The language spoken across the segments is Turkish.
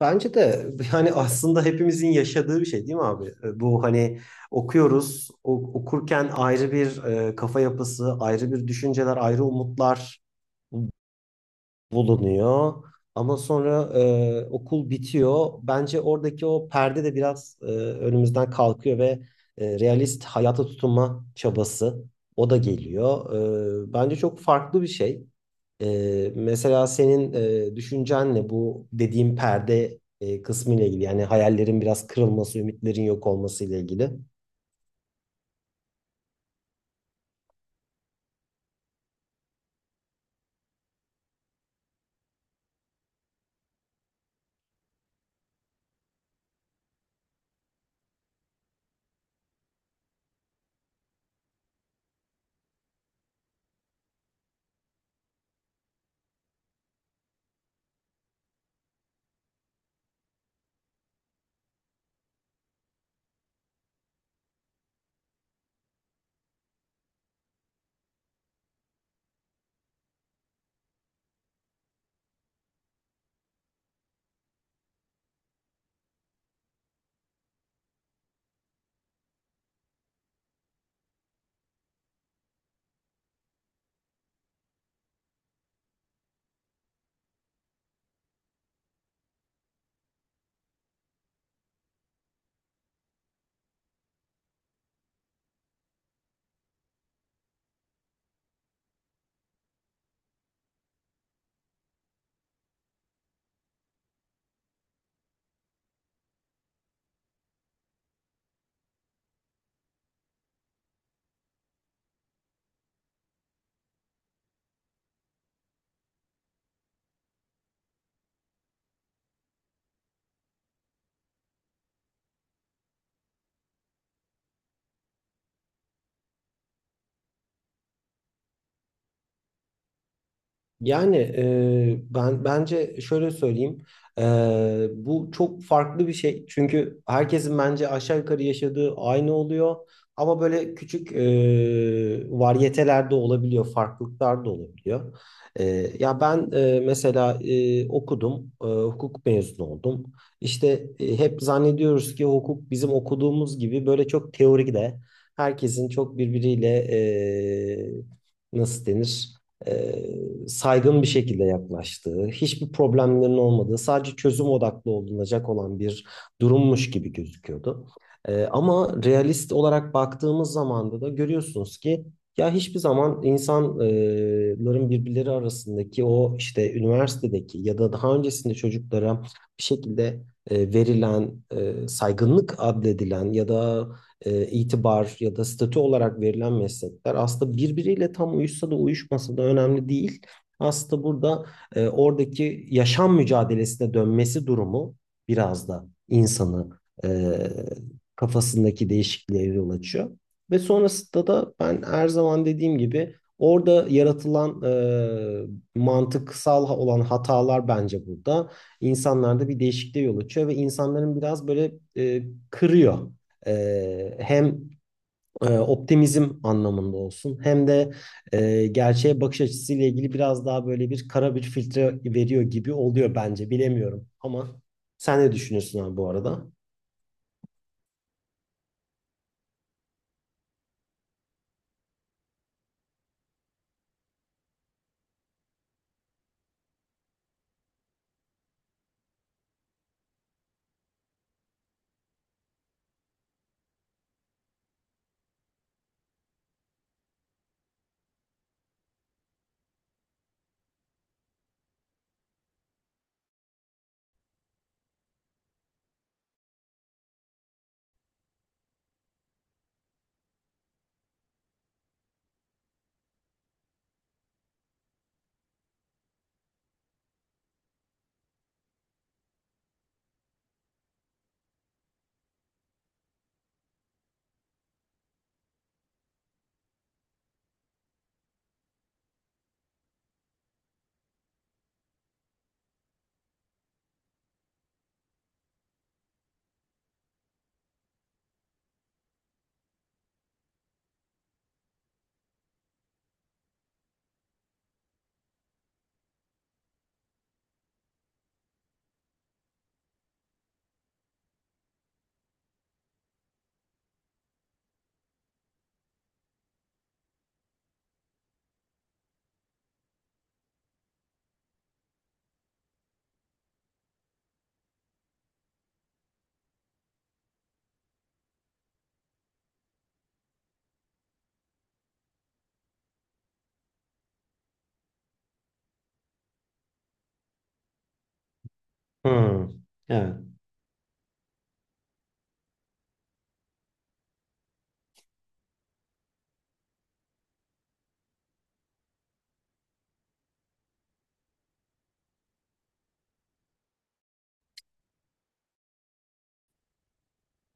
Bence de yani aslında hepimizin yaşadığı bir şey değil mi abi? Bu hani okuyoruz, okurken ayrı bir kafa yapısı, ayrı bir düşünceler, ayrı umutlar bulunuyor. Ama sonra okul bitiyor. Bence oradaki o perde de biraz önümüzden kalkıyor ve realist hayata tutunma çabası o da geliyor. Bence çok farklı bir şey. Mesela senin düşüncenle bu dediğim perde kısmı ile ilgili. Yani hayallerin biraz kırılması, ümitlerin yok olması ile ilgili. Yani ben bence şöyle söyleyeyim. E, Bu çok farklı bir şey. Çünkü herkesin bence aşağı yukarı yaşadığı aynı oluyor. Ama böyle küçük varyeteler de olabiliyor, farklılıklar da olabiliyor. E, Ya ben mesela okudum, hukuk mezunu oldum. İşte hep zannediyoruz ki hukuk bizim okuduğumuz gibi böyle çok teorik de herkesin çok birbiriyle nasıl denir? e, Saygın bir şekilde yaklaştığı, hiçbir problemlerin olmadığı, sadece çözüm odaklı olunacak olan bir durummuş gibi gözüküyordu. Ama realist olarak baktığımız zaman da görüyorsunuz ki ya hiçbir zaman insanların birbirleri arasındaki o işte üniversitedeki ya da daha öncesinde çocuklara bir şekilde verilen, saygınlık adledilen ya da itibar ya da statü olarak verilen meslekler aslında birbiriyle tam uyuşsa da uyuşmasa da önemli değil. Aslında burada oradaki yaşam mücadelesine dönmesi durumu biraz da insanı e, kafasındaki değişikliğe yol açıyor. Ve sonrasında da ben her zaman dediğim gibi orada yaratılan mantıksal olan hatalar bence burada insanlarda bir değişikliğe yol açıyor ve insanların biraz böyle kırıyor hem optimizm anlamında olsun hem de gerçeğe bakış açısıyla ilgili biraz daha böyle bir kara bir filtre veriyor gibi oluyor bence. Bilemiyorum ama sen ne düşünüyorsun abi bu arada? Hmm. Evet.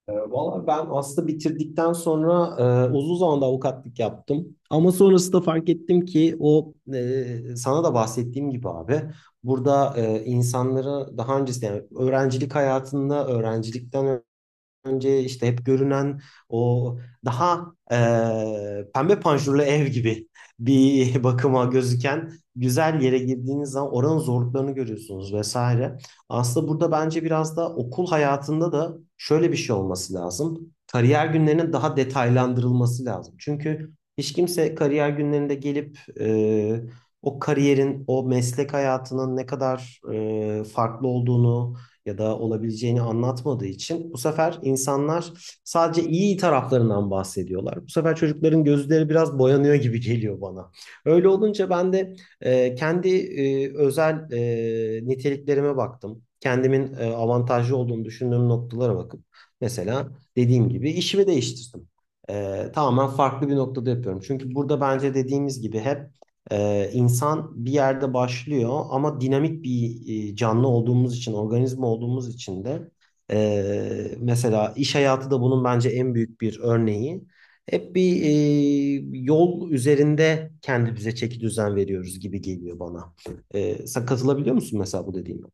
Valla ben aslında bitirdikten sonra uzun zamanda avukatlık yaptım. Ama sonrasında fark ettim ki o sana da bahsettiğim gibi abi burada insanlara daha öncesinde yani öğrencilik hayatında öğrencilikten önce işte hep görünen o daha pembe panjurlu ev gibi bir bakıma gözüken güzel yere girdiğiniz zaman oranın zorluklarını görüyorsunuz vesaire. Aslında burada bence biraz da okul hayatında da şöyle bir şey olması lazım. Kariyer günlerinin daha detaylandırılması lazım. Çünkü hiç kimse kariyer günlerinde gelip o kariyerin, o meslek hayatının ne kadar farklı olduğunu ya da olabileceğini anlatmadığı için bu sefer insanlar sadece iyi taraflarından bahsediyorlar. Bu sefer çocukların gözleri biraz boyanıyor gibi geliyor bana. Öyle olunca ben de kendi özel niteliklerime baktım. Kendimin avantajlı olduğunu düşündüğüm noktalara bakıp mesela dediğim gibi işimi değiştirdim. Tamamen farklı bir noktada yapıyorum. Çünkü burada bence dediğimiz gibi hep insan bir yerde başlıyor ama dinamik bir canlı olduğumuz için, organizma olduğumuz için de mesela iş hayatı da bunun bence en büyük bir örneği. Hep bir yol üzerinde kendimize çeki düzen veriyoruz gibi geliyor bana. Sen katılabiliyor musun mesela bu dediğime?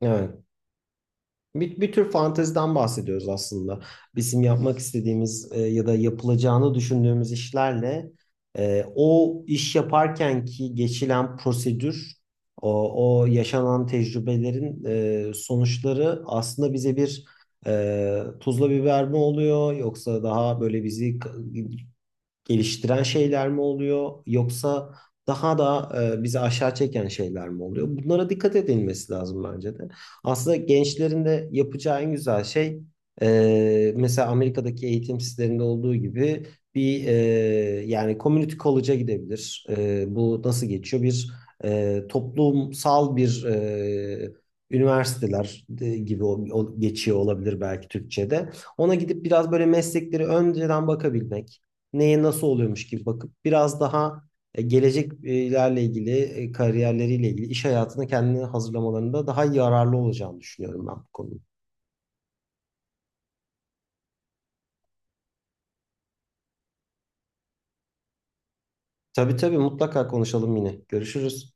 Evet. Bir, bir tür fanteziden bahsediyoruz aslında. Bizim yapmak istediğimiz ya da yapılacağını düşündüğümüz işlerle o iş yaparken ki geçilen prosedür, o, o yaşanan tecrübelerin sonuçları aslında bize bir tuzla biber mi oluyor yoksa daha böyle bizi geliştiren şeyler mi oluyor yoksa daha da bizi aşağı çeken şeyler mi oluyor? Bunlara dikkat edilmesi lazım bence de. Aslında gençlerin de yapacağı en güzel şey mesela Amerika'daki eğitim sisteminde olduğu gibi bir yani community college'a gidebilir. E, bu nasıl geçiyor? Bir toplumsal bir üniversiteler gibi geçiyor olabilir belki Türkçe'de. Ona gidip biraz böyle meslekleri önceden bakabilmek, neye nasıl oluyormuş gibi bakıp biraz daha geleceklerle ilgili, kariyerleriyle ilgili iş hayatını kendini hazırlamalarında daha yararlı olacağını düşünüyorum ben bu konuda. Tabii tabii mutlaka konuşalım yine. Görüşürüz.